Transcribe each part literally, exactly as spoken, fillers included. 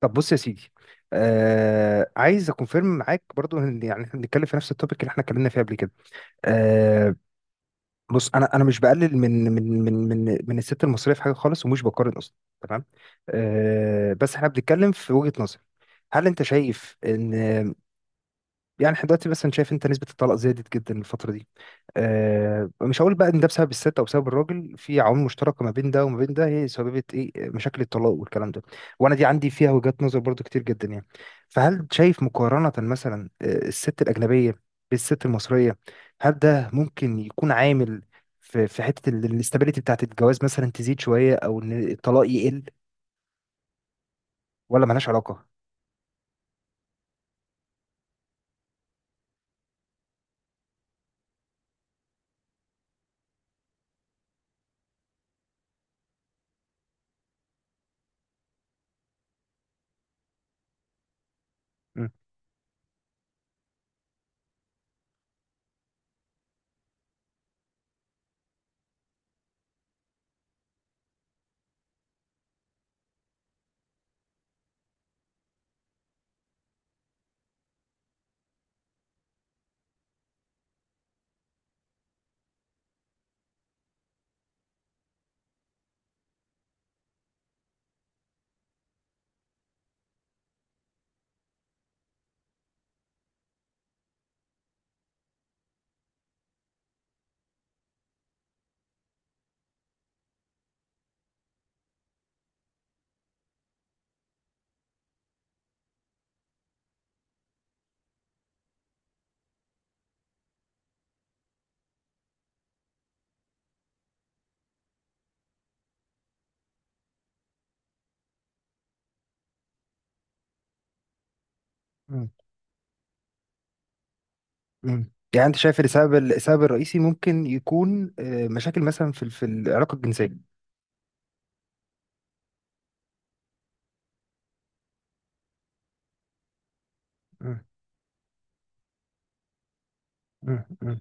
طب بص يا سيدي، آه عايز اكونفيرم معاك برضو ان يعني احنا بنتكلم في نفس التوبيك اللي احنا اتكلمنا فيه قبل كده. آه بص انا انا مش بقلل من من من من من الست المصريه في حاجه خالص ومش بقارن اصلا. تمام. آه بس احنا بنتكلم في وجهه نظر. هل انت شايف ان يعني احنا دلوقتي مثلا، شايف انت نسبه الطلاق زادت جدا الفتره دي؟ آه، مش هقول بقى ان ده بسبب الست او بسبب الراجل، في عوامل مشتركه ما بين ده وما بين ده هي سببت ايه، آه، مشاكل الطلاق والكلام ده. وانا دي عندي فيها وجهات نظر برضو كتير جدا يعني. فهل شايف مقارنه مثلا آه، الست الاجنبيه بالست المصريه، هل ده ممكن يكون عامل في في حته الاستابيليتي بتاعت الجواز مثلا تزيد شويه او ان الطلاق يقل ولا ملهاش علاقه؟ مم. مم. مم. يعني انت شايف السبب السبب الرئيسي ممكن يكون آه، مشاكل مثلا في ال- في العلاقه الجنسيه؟ مم. مم. مم.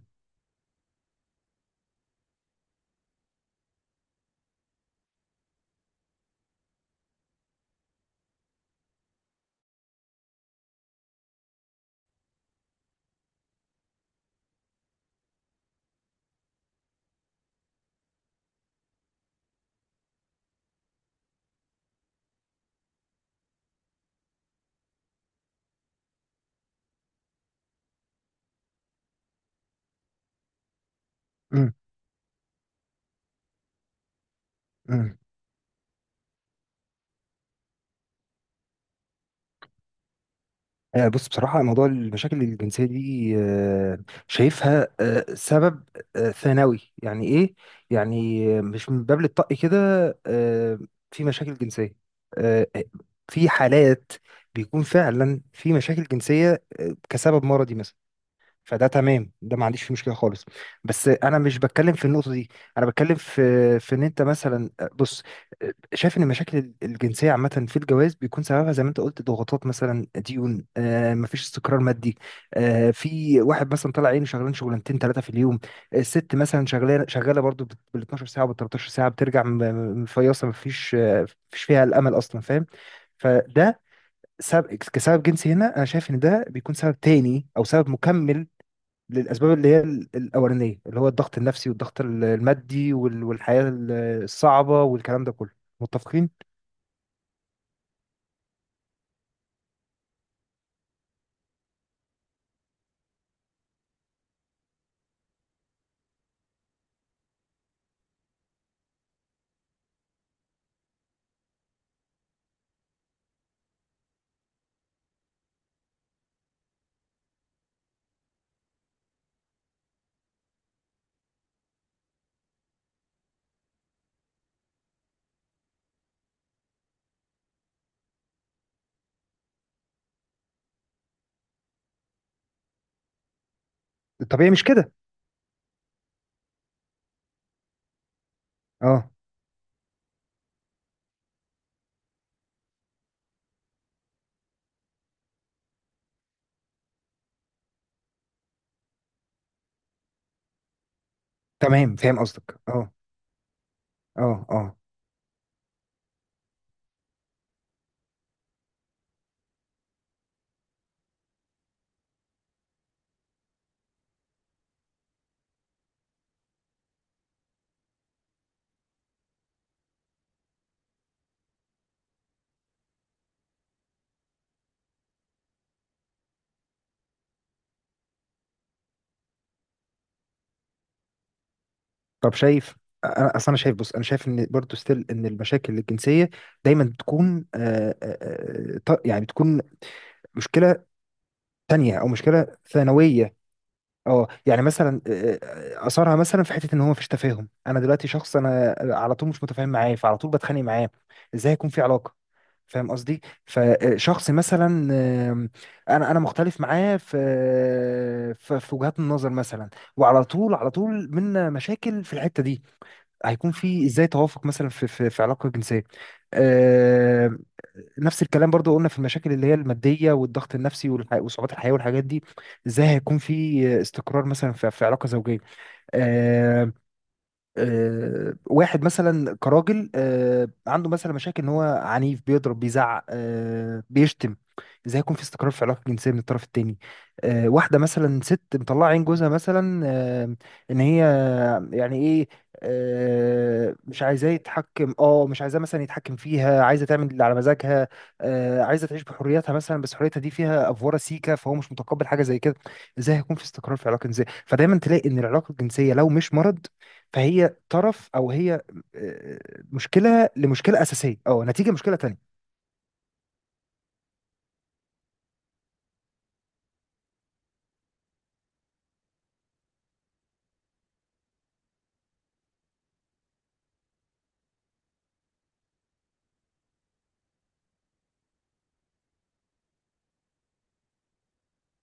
مم. مم. آه، بص بصراحة، موضوع المشاكل الجنسية دي، آه، شايفها آه، سبب آه، ثانوي. يعني إيه؟ يعني آه، مش من باب الطق كده. آه، في مشاكل جنسية، آه، في حالات بيكون فعلا في مشاكل جنسية آه، كسبب مرضي مثلا. فده تمام، ده ما عنديش فيه مشكله خالص. بس انا مش بتكلم في النقطه دي. انا بتكلم في في ان انت مثلا، بص، شايف ان المشاكل الجنسيه عامه في الجواز بيكون سببها زي ما انت قلت، ضغوطات، مثلا ديون، آه مفيش استقرار مادي. آه في واحد مثلا طالع عينه شغلان شغلانتين ثلاثه في اليوم، الست مثلا شغاله شغاله برضو بال اتناشر ساعه وبال ثلاثة عشر ساعه، بترجع م- م- مفيصه، مفيش آه، مفيش فيها الامل اصلا، فاهم؟ فده سبب، كسبب جنسي هنا، انا شايف ان ده بيكون سبب تاني او سبب مكمل للأسباب اللي هي ال- الأولانية، اللي هو الضغط النفسي والضغط ال- المادي وال- والحياة ال- الصعبة والكلام ده كله. متفقين؟ الطبيعي مش كده. اه. تمام، فاهم قصدك. اه. اه. اه. طب شايف، انا اصل انا شايف، بص، انا شايف ان برضو ستيل ان المشاكل الجنسيه دايما بتكون، آه آه آه، ط- يعني بتكون مشكله تانية او مشكله ثانويه. اه، يعني مثلا آه، آه، اثرها مثلا في حته ان هو مفيش تفاهم. انا دلوقتي شخص انا على طول مش متفاهم معاه فعلى طول بتخانق معاه، ازاي هيكون في علاقه؟ فاهم قصدي؟ فشخص مثلا، آم، انا انا مختلف معاه في في في وجهات النظر مثلا، وعلى طول على طول من مشاكل في الحته دي، هيكون في ازاي توافق مثلا في في, في علاقه جنسيه؟ آم، نفس الكلام برضو قلنا في المشاكل اللي هي الماديه والضغط النفسي والح- وصعوبات الحياه والحاجات دي. ازاي هيكون في استقرار مثلا في, في علاقه زوجيه؟ آه، واحد مثلا كراجل، آه، عنده مثلا مشاكل ان هو عنيف، بيضرب، بيزعق، آه، بيشتم، ازاي يكون في استقرار في العلاقه الجنسيه من الطرف التاني؟ آه، واحده مثلا ست مطلعه عين جوزها مثلا، آه، ان هي يعني ايه، آه، مش عايزاه يتحكم، اه مش عايزاه مثلا يتحكم فيها، عايزه تعمل اللي على مزاجها، آه، عايزه تعيش بحريتها مثلا، بس حريتها دي فيها افوره سيكه فهو مش متقبل حاجه زي كده، ازاي هيكون في استقرار في العلاقه الجنسيه؟ فدايما تلاقي ان العلاقه الجنسيه لو مش مرض فهي طرف او هي آه، مشكله لمشكله اساسيه، اه نتيجه مشكله تانية.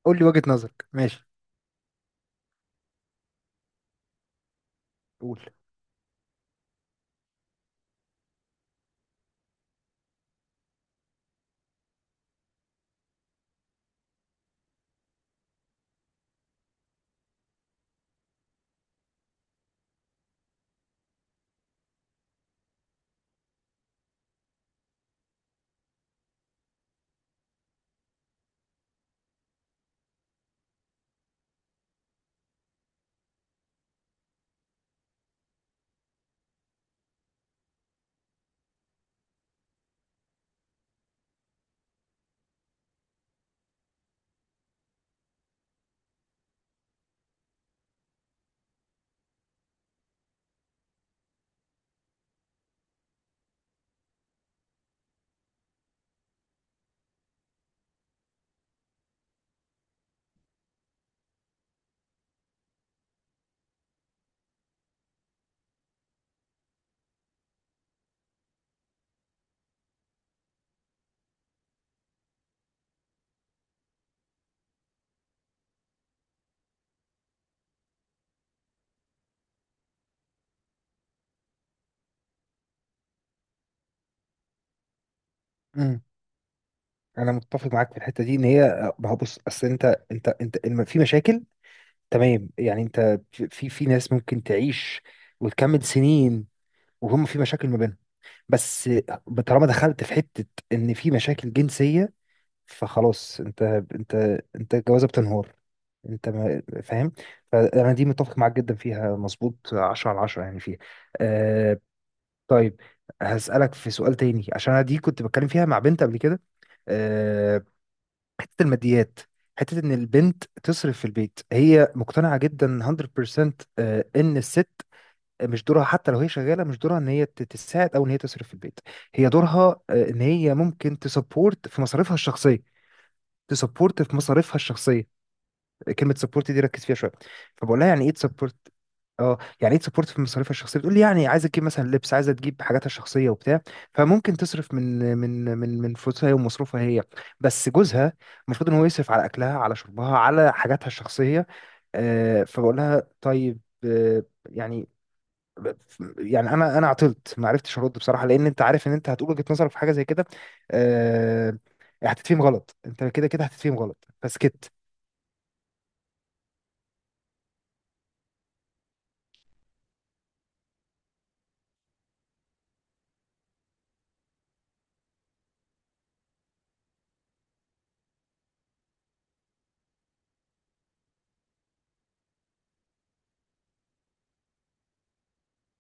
قول لي وجهه نظرك، ماشي، قول. امم انا متفق معاك في الحته دي ان هي، آه، ما هو بص، اصل انت، انت انت الم- في مشاكل، تمام؟ يعني انت، في في ناس ممكن تعيش وتكمل سنين وهم في مشاكل ما بينهم، بس طالما دخلت في حته ان في مشاكل جنسيه فخلاص انت، انت انت الجوازه بتنهار، انت ما- فاهم؟ فانا دي متفق معاك جدا فيها، مظبوط، عشرة على عشرة يعني فيها. آه طيب، هسألك في سؤال تاني عشان انا دي كنت بتكلم فيها مع بنت قبل كده. آه حتة الماديات، حتة ان البنت تصرف في البيت. هي مقتنعة جدا ميه في الميه، آه ان الست مش دورها حتى لو هي شغالة، مش دورها ان هي ت- تساعد او ان هي تصرف في البيت. هي دورها، آه ان هي ممكن تسبورت في مصاريفها الشخصية. تسبورت في مصاريفها الشخصية، كلمة سبورت دي ركز فيها شوية. فبقول لها يعني ايه تسبورت، اه يعني ايه تسبورت في مصاريفها الشخصيه، بتقول لي يعني عايزه تجيب مثلا لبس، عايزه تجيب حاجاتها الشخصيه وبتاع، فممكن تصرف من من من من فلوسها هي ومصروفها هي، بس جوزها المفروض ان هو يصرف على اكلها، على شربها، على حاجاتها الشخصيه. آه فبقول لها طيب، آه يعني، يعني انا انا عطلت ما عرفتش ارد بصراحه لان انت عارف ان انت هتقول وجهه نظرك في حاجه زي كده آه هتتفهم غلط. انت كده كده هتتفهم غلط فسكت.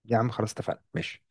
يا عم خلاص اتفقنا، ماشي.